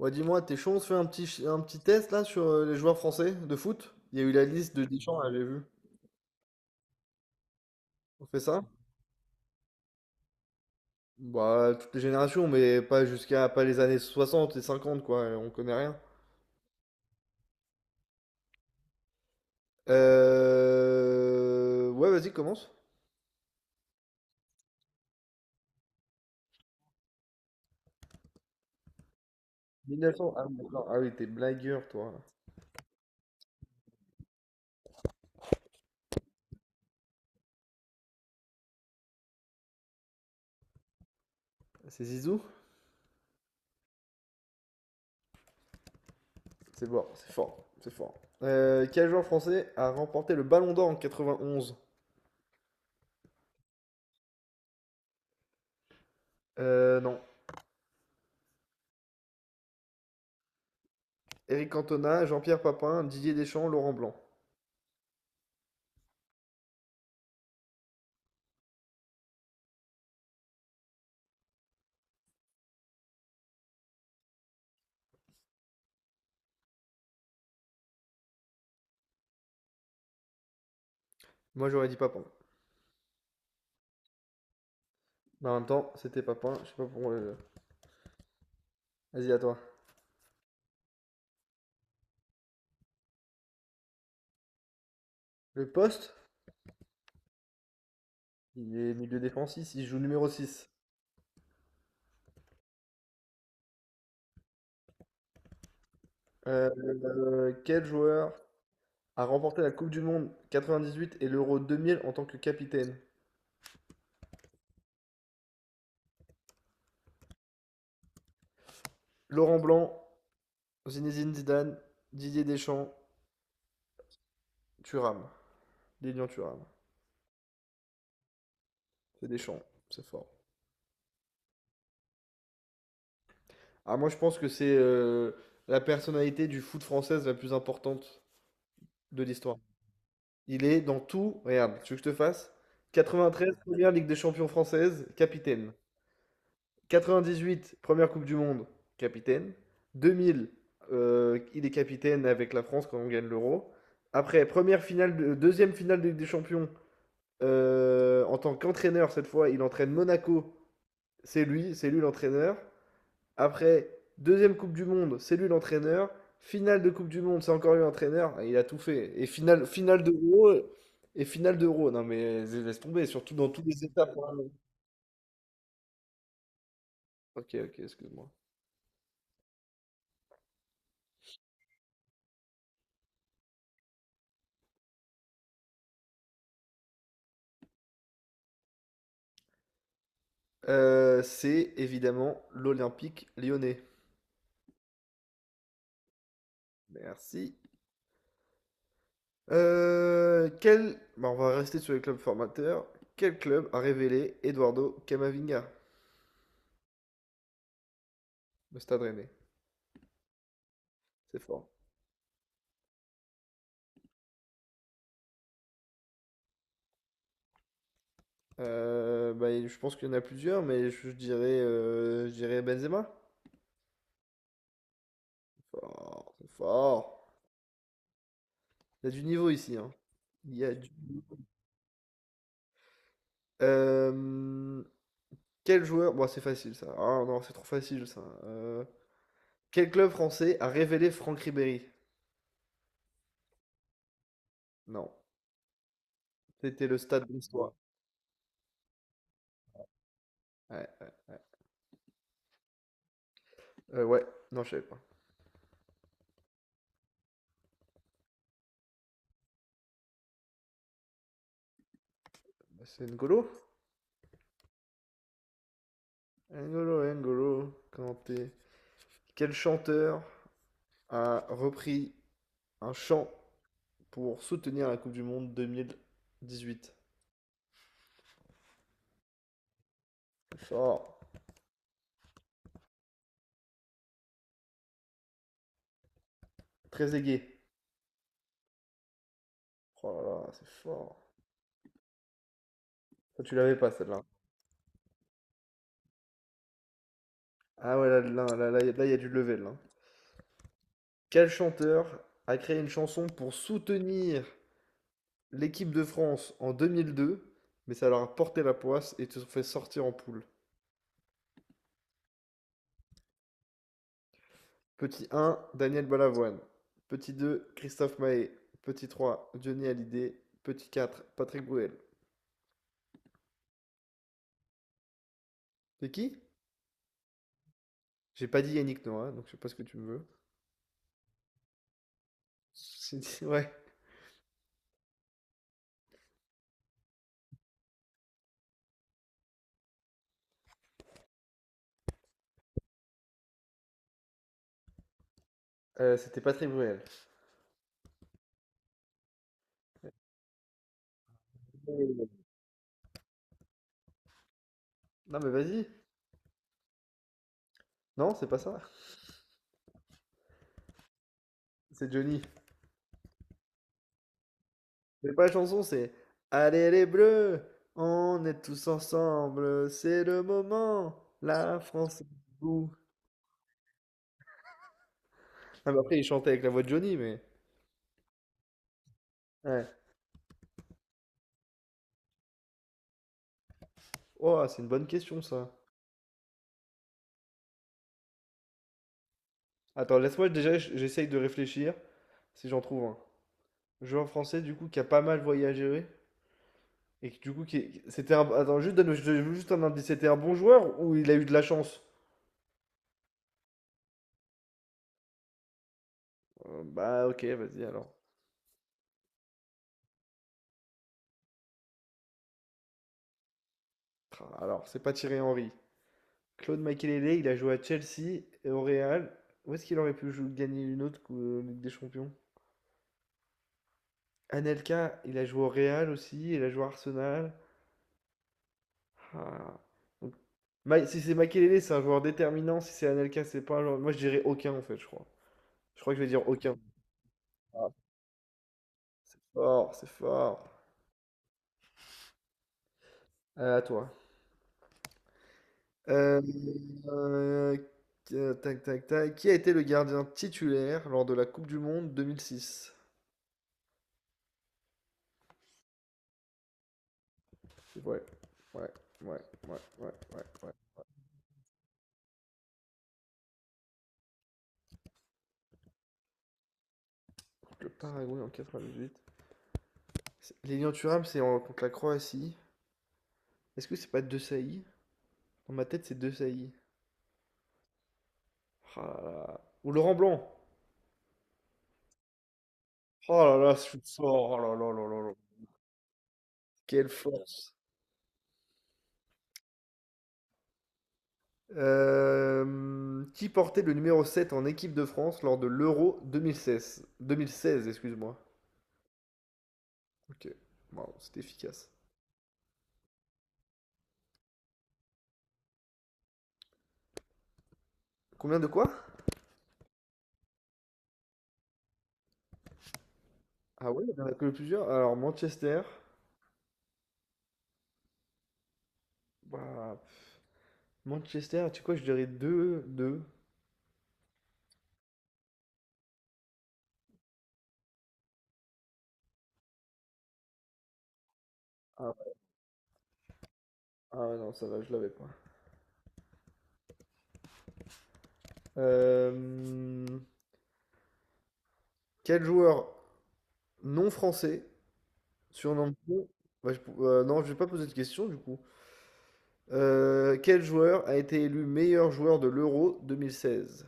Ouais, dis-moi, Deschamps, on se fait un petit test là sur les joueurs français de foot? Il y a eu la liste de Deschamps, là, j'ai vu. On fait ça? Bah, toutes les générations, mais pas jusqu'à pas les années soixante et cinquante quoi, on connaît rien. Ouais, vas-y, commence. 1900, ah, oui, d'accord. Ah oui, t'es blagueur, toi. C'est Zizou? C'est bon, c'est fort, c'est fort. Quel joueur français a remporté le Ballon d'Or en 91? Non. Eric Cantona, Jean-Pierre Papin, Didier Deschamps, Laurent Blanc. Moi, j'aurais dit Papin. Mais en même temps, c'était pas point. Je sais pas pourquoi. Vas-y, à toi. Le poste, il est milieu défensif, il joue numéro 6. Euh, Quel joueur a remporté la Coupe du Monde 98 et l'Euro 2000 en tant que capitaine? Laurent Blanc, Zinedine Zidane, Didier Deschamps, Thuram. Lilian Thuram. C'est Deschamps, c'est fort. Ah, moi, je pense que c'est la personnalité du foot française la plus importante de l'histoire. Il est dans tout. Regarde, tu veux que je te fasse? 93, première Ligue des champions française, capitaine. 98, première Coupe du Monde, capitaine. 2000, il est capitaine avec la France quand on gagne l'Euro. Après, deuxième finale de Ligue des Champions, en tant qu'entraîneur cette fois, il entraîne Monaco. C'est lui l'entraîneur. Après, deuxième Coupe du Monde, c'est lui l'entraîneur. Finale de Coupe du Monde, c'est encore lui l'entraîneur. Il a tout fait. Et finale d'Euro. Et finale d'Euro. Non mais laisse tomber, surtout dans toutes les étapes. Ok, ok, excuse-moi. C'est évidemment l'Olympique lyonnais. Merci. Bah, on va rester sur les clubs formateurs. Quel club a révélé Eduardo Camavinga, le Stade Rennais? C'est fort. Bah, je pense qu'il y en a plusieurs, mais je dirais Benzema. Fort, c'est fort. Il y a du niveau ici, hein. Il y a du- Euh, Bon, c'est facile, ça. Ah non, c'est trop facile, ça. Quel club français a révélé Franck Ribéry? Non. C'était le stade brestois. Ouais. Euh, ouais. Non, je savais pas. Bah, c'est N'Golo? N'Golo Kanté. Quel chanteur a repris un chant pour soutenir la Coupe du Monde 2018? C'est fort. Très aigué. Oh là là, c'est fort. Ça, tu l'avais pas, celle-là. Ah ouais, là, il y a du level, là. Quel chanteur a créé une chanson pour soutenir l'équipe de France en 2002, mais ça leur a porté la poisse et te fait sortir en poule? Petit un, Daniel Balavoine. Petit 2, Christophe Mahé. Petit 3, Johnny Hallyday. Petit 4, Patrick Bruel. C'est qui? J'ai pas dit Yannick Noah, donc je sais pas ce que tu me veux. Ouais. C'était Patrick Bruel. Non mais vas-y. Non, c'est pas ça. C'est Johnny. C'est pas la chanson, c'est Allez les Bleus, on est tous ensemble, c'est le moment, la France est debout. Ah, mais après, il chantait avec la voix de Johnny, mais... Ouais. Oh, c'est une bonne question, ça. Attends, laisse-moi déjà, j'essaye de réfléchir si j'en trouve un. Joueur français, du coup, qui a pas mal voyagé oui. Et qui, du coup, c'était un. Attends, juste donne juste un indice. C'était un bon joueur ou il a eu de la chance? Bah, ok, vas-y alors. Alors, c'est pas Thierry Henry. Claude Makelele, il a joué à Chelsea et au Real. Où est-ce qu'il aurait pu gagner une autre Ligue des Champions? Anelka, il a joué au Real aussi, il a joué à Arsenal. Ah. Donc, si c'est Makelele, c'est un joueur déterminant. Si c'est Anelka, c'est pas un joueur. Moi, je dirais aucun en fait, je crois. Je crois que je vais dire aucun. Ah, c'est fort, c'est fort. À toi. Euh, euh, tac, tac, tac. Qui a été le gardien titulaire lors de la Coupe du Monde 2006? C'est vrai. Ouais, ouais, ouais, ouais, ouais, ouais. Contre le Paraguay en 98. Lilian Thuram, contre la Croatie. Est-ce que c'est pas De Sailly? Dans ma tête, c'est De Sailly. Ah là là. Ou Laurent Blanc. Oh là là, ce shoot sort. Oh là là là là là. Quelle force. Qui portait le numéro 7 en équipe de France lors de l'Euro 2016? 2016, excuse-moi. Ok, wow, c'était efficace. Combien de quoi? Ah ouais, il y en a que plusieurs. Alors, Manchester. Bah, Manchester, tu sais quoi, je dirais 2, 2. Ah, ouais, ah ouais, non, ça va, je l'avais pas. Euh, Quel joueur non français surnommé... Bah, non, je vais pas poser de question du coup. Quel joueur a été élu meilleur joueur de l'Euro 2016?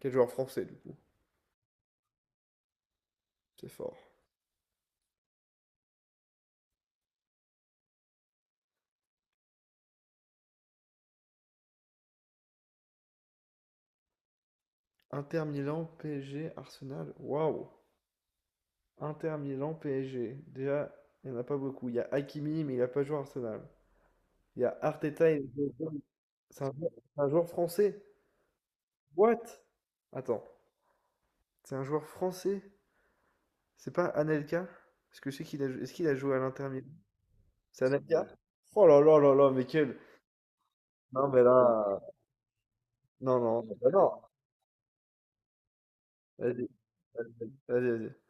Quel joueur français, du coup? C'est fort. Inter Milan, PSG, Arsenal. Waouh! Inter Milan, PSG. Déjà, il n'y en a pas beaucoup. Il y a Hakimi, mais il n'a pas joué à Arsenal. Il y a Arteta, il c'est un joueur, c'est un joueur français. What? Attends, c'est un joueur français? C'est pas Anelka? Est-ce que c'est qu'il a, jou- Est-ce qu'il a joué à l'Inter Milan? C'est Anelka? Oh là là là là, mais quel. Non, mais là. Non, non, non, bah non. Vas-y, vas-y, vas-y.